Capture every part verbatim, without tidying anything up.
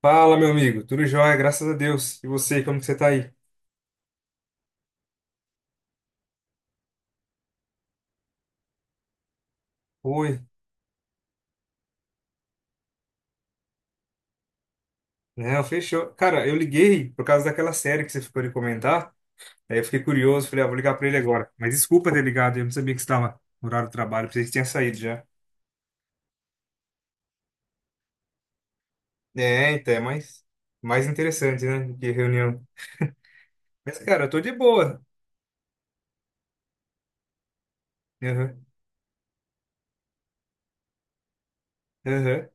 Fala, meu amigo. Tudo jóia, graças a Deus. E você, como que você tá aí? Oi. Não, fechou. Cara, eu liguei por causa daquela série que você ficou de comentar. Aí eu fiquei curioso, falei, ah, vou ligar pra ele agora. Mas desculpa ter ligado, eu não sabia que você estava no horário do trabalho, pensei que você tinha saído já. É, então, é mais, mais interessante, né, do que reunião. Mas, cara, eu tô de boa. Aham, aham.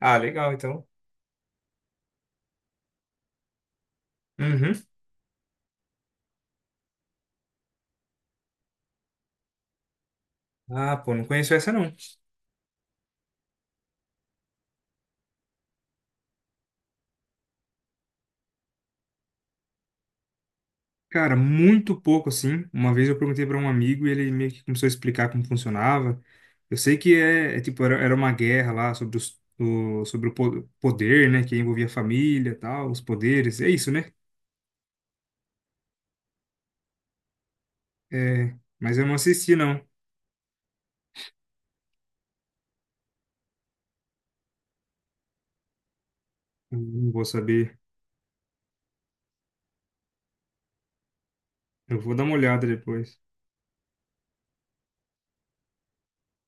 Ah, legal, então. Uhum. Ah, pô, não conheço essa, não. Cara, muito pouco assim. Uma vez eu perguntei para um amigo e ele meio que começou a explicar como funcionava. Eu sei que é, é tipo era, era uma guerra lá sobre os, o, sobre o po- poder, né, que envolvia a família, e tal, os poderes. É isso, né? É, mas eu não assisti não. Eu não vou saber. Eu vou dar uma olhada depois.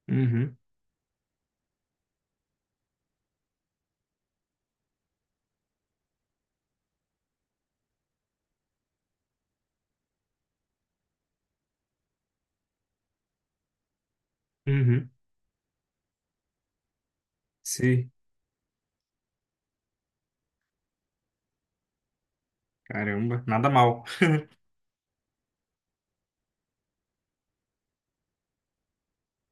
Uhum. Uhum. Sei. Caramba, nada mal.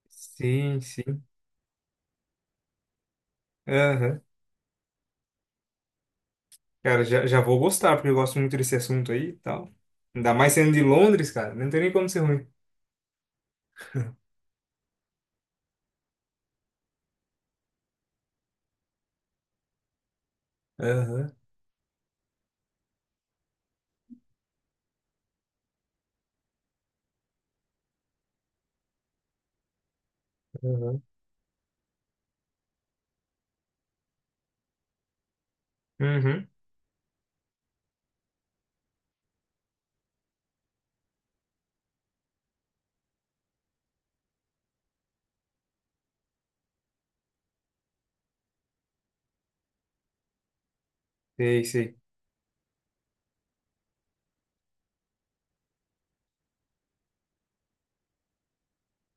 Sim, sim. Aham. Cara, já, já vou gostar, porque eu gosto muito desse assunto aí e tal. Ainda mais sendo de Londres, cara. Não tem nem como ser ruim. Aham, aham. Uhum. Sei, sei.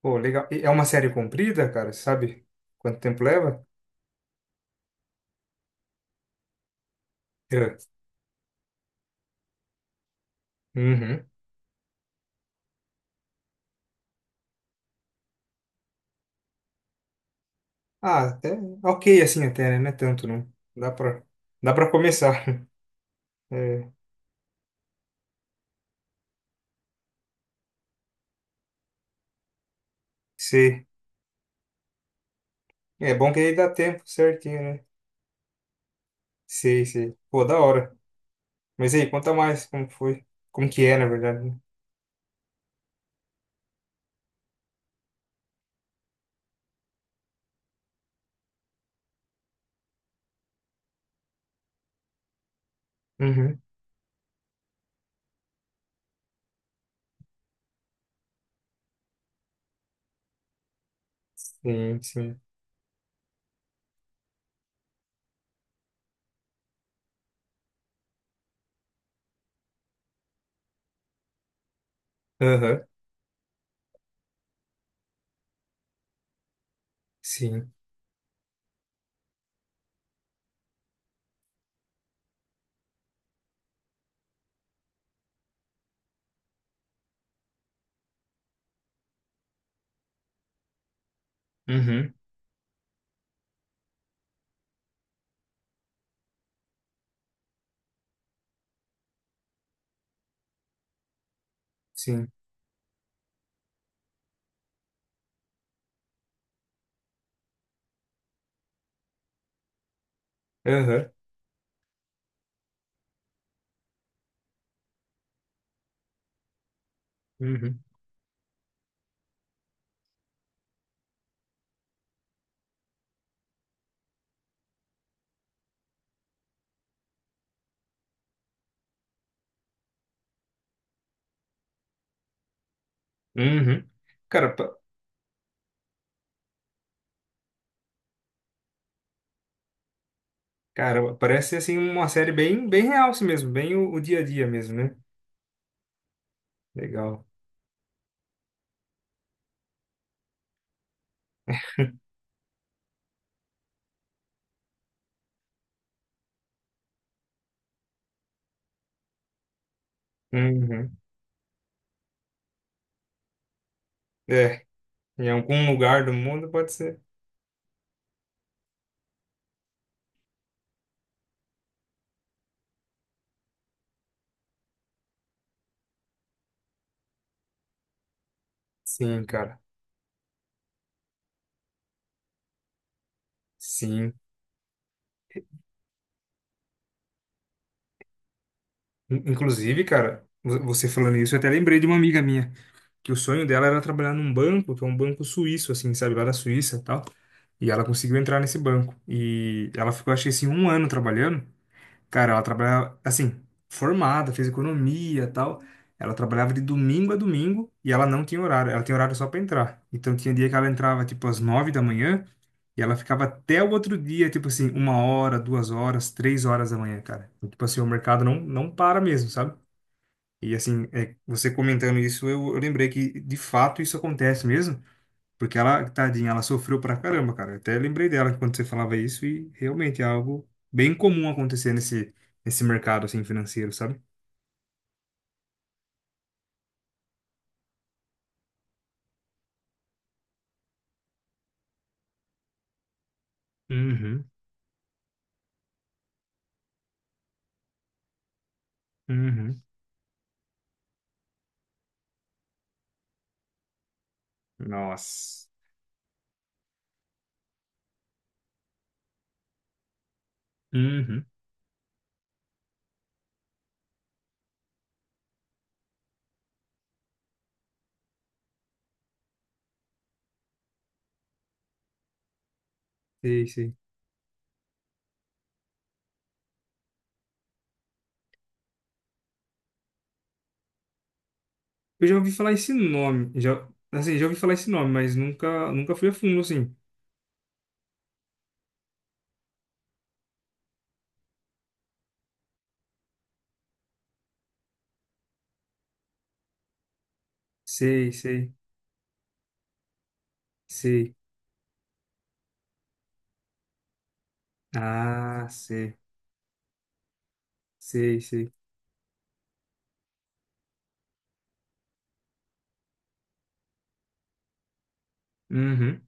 Pô, legal. E é uma série comprida, cara? Sabe quanto tempo leva? É. Uhum. Ah, até ok assim até, né? Não é tanto, não. Dá pra, dá pra começar. É, sei. É bom que aí dá tempo certinho, né? Sei, sei. Pô, da hora. Mas aí, conta mais como que foi. Como que é, na verdade, né? Uhum. Sim, sim. Aham. Sim. Uhum. Sim. Aham. Uhum. Uhum. Cara, Cara, parece ser, assim, uma série bem, bem real assim mesmo, bem o, o dia a dia mesmo, né? Legal. Uhum. É, em algum lugar do mundo pode ser. Sim, cara. Sim. In- Inclusive, cara, vo- você falando isso, eu até lembrei de uma amiga minha, que o sonho dela era trabalhar num banco, que é um banco suíço, assim, sabe, lá da Suíça e tal. E ela conseguiu entrar nesse banco. E ela ficou, acho que assim, um ano trabalhando. Cara, ela trabalhava, assim, formada, fez economia e tal. Ela trabalhava de domingo a domingo e ela não tinha horário. Ela tinha horário só pra entrar. Então tinha dia que ela entrava, tipo, às nove da manhã e ela ficava até o outro dia, tipo assim, uma hora, duas horas, três horas da manhã, cara. Então, tipo assim, o mercado não, não para mesmo, sabe? E assim, é, você comentando isso, eu, eu lembrei que de fato isso acontece mesmo. Porque ela, tadinha, ela sofreu pra caramba, cara. Eu até lembrei dela quando você falava isso e realmente é algo bem comum acontecer nesse, nesse mercado assim financeiro, sabe? Uhum, uhum. Nossa. Uhum. Sei, sei. Eu já ouvi falar esse nome, já, assim, já ouvi falar esse nome, mas nunca, nunca fui a fundo assim. Sei, sei, sei. Ah, sei, sei, sei. Uhum.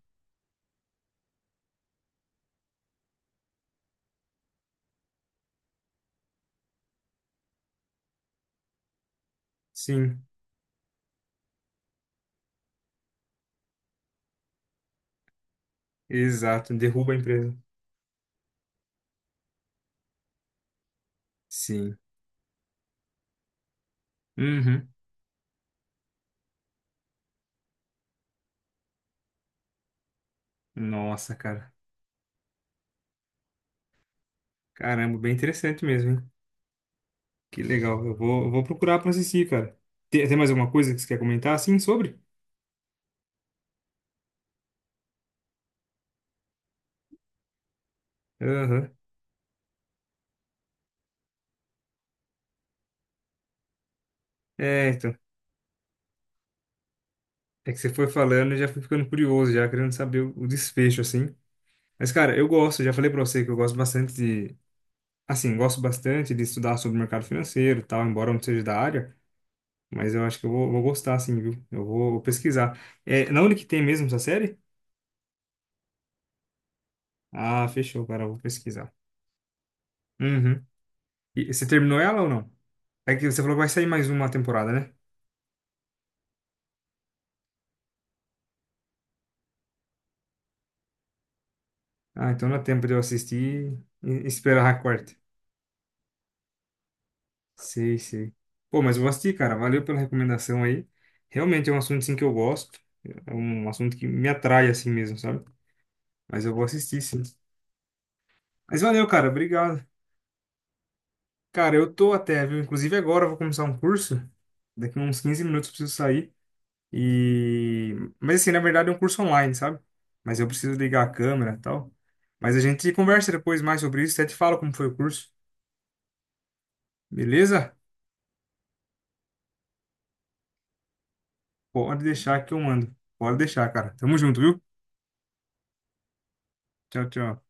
Sim, exato. Derruba a empresa. Sim. Uhum. Nossa, cara. Caramba, bem interessante mesmo, hein? Que legal. Eu vou, eu vou procurar pra assistir, cara. Tem, tem mais alguma coisa que você quer comentar, assim, sobre? Aham. É, então. É que você foi falando, eu já fui ficando curioso, já querendo saber o, o desfecho, assim. Mas, cara, eu gosto, já falei pra você que eu gosto bastante de. Assim, gosto bastante de estudar sobre o mercado financeiro e tal, embora eu não seja da área. Mas eu acho que eu vou, vou gostar, assim, viu? Eu vou pesquisar. É, na onde que tem mesmo essa série? Ah, fechou, cara, eu vou pesquisar. Uhum. E você terminou ela ou não? É que você falou que vai sair mais uma temporada, né? Ah, então dá tempo de eu assistir e e esperar a quarta. Sei, sei. Pô, mas eu vou assistir, cara. Valeu pela recomendação aí. Realmente é um assunto, sim, que eu gosto. É um assunto que me atrai, assim mesmo, sabe? Mas eu vou assistir, sim. Mas valeu, cara. Obrigado. Cara, eu tô até, viu? Inclusive agora eu vou começar um curso. Daqui uns quinze minutos eu preciso sair. E... Mas assim, na verdade é um curso online, sabe? Mas eu preciso ligar a câmera e tal. Mas a gente conversa depois mais sobre isso. Até te falo como foi o curso. Beleza? Pode deixar que eu mando. Pode deixar, cara. Tamo junto, viu? Tchau, tchau.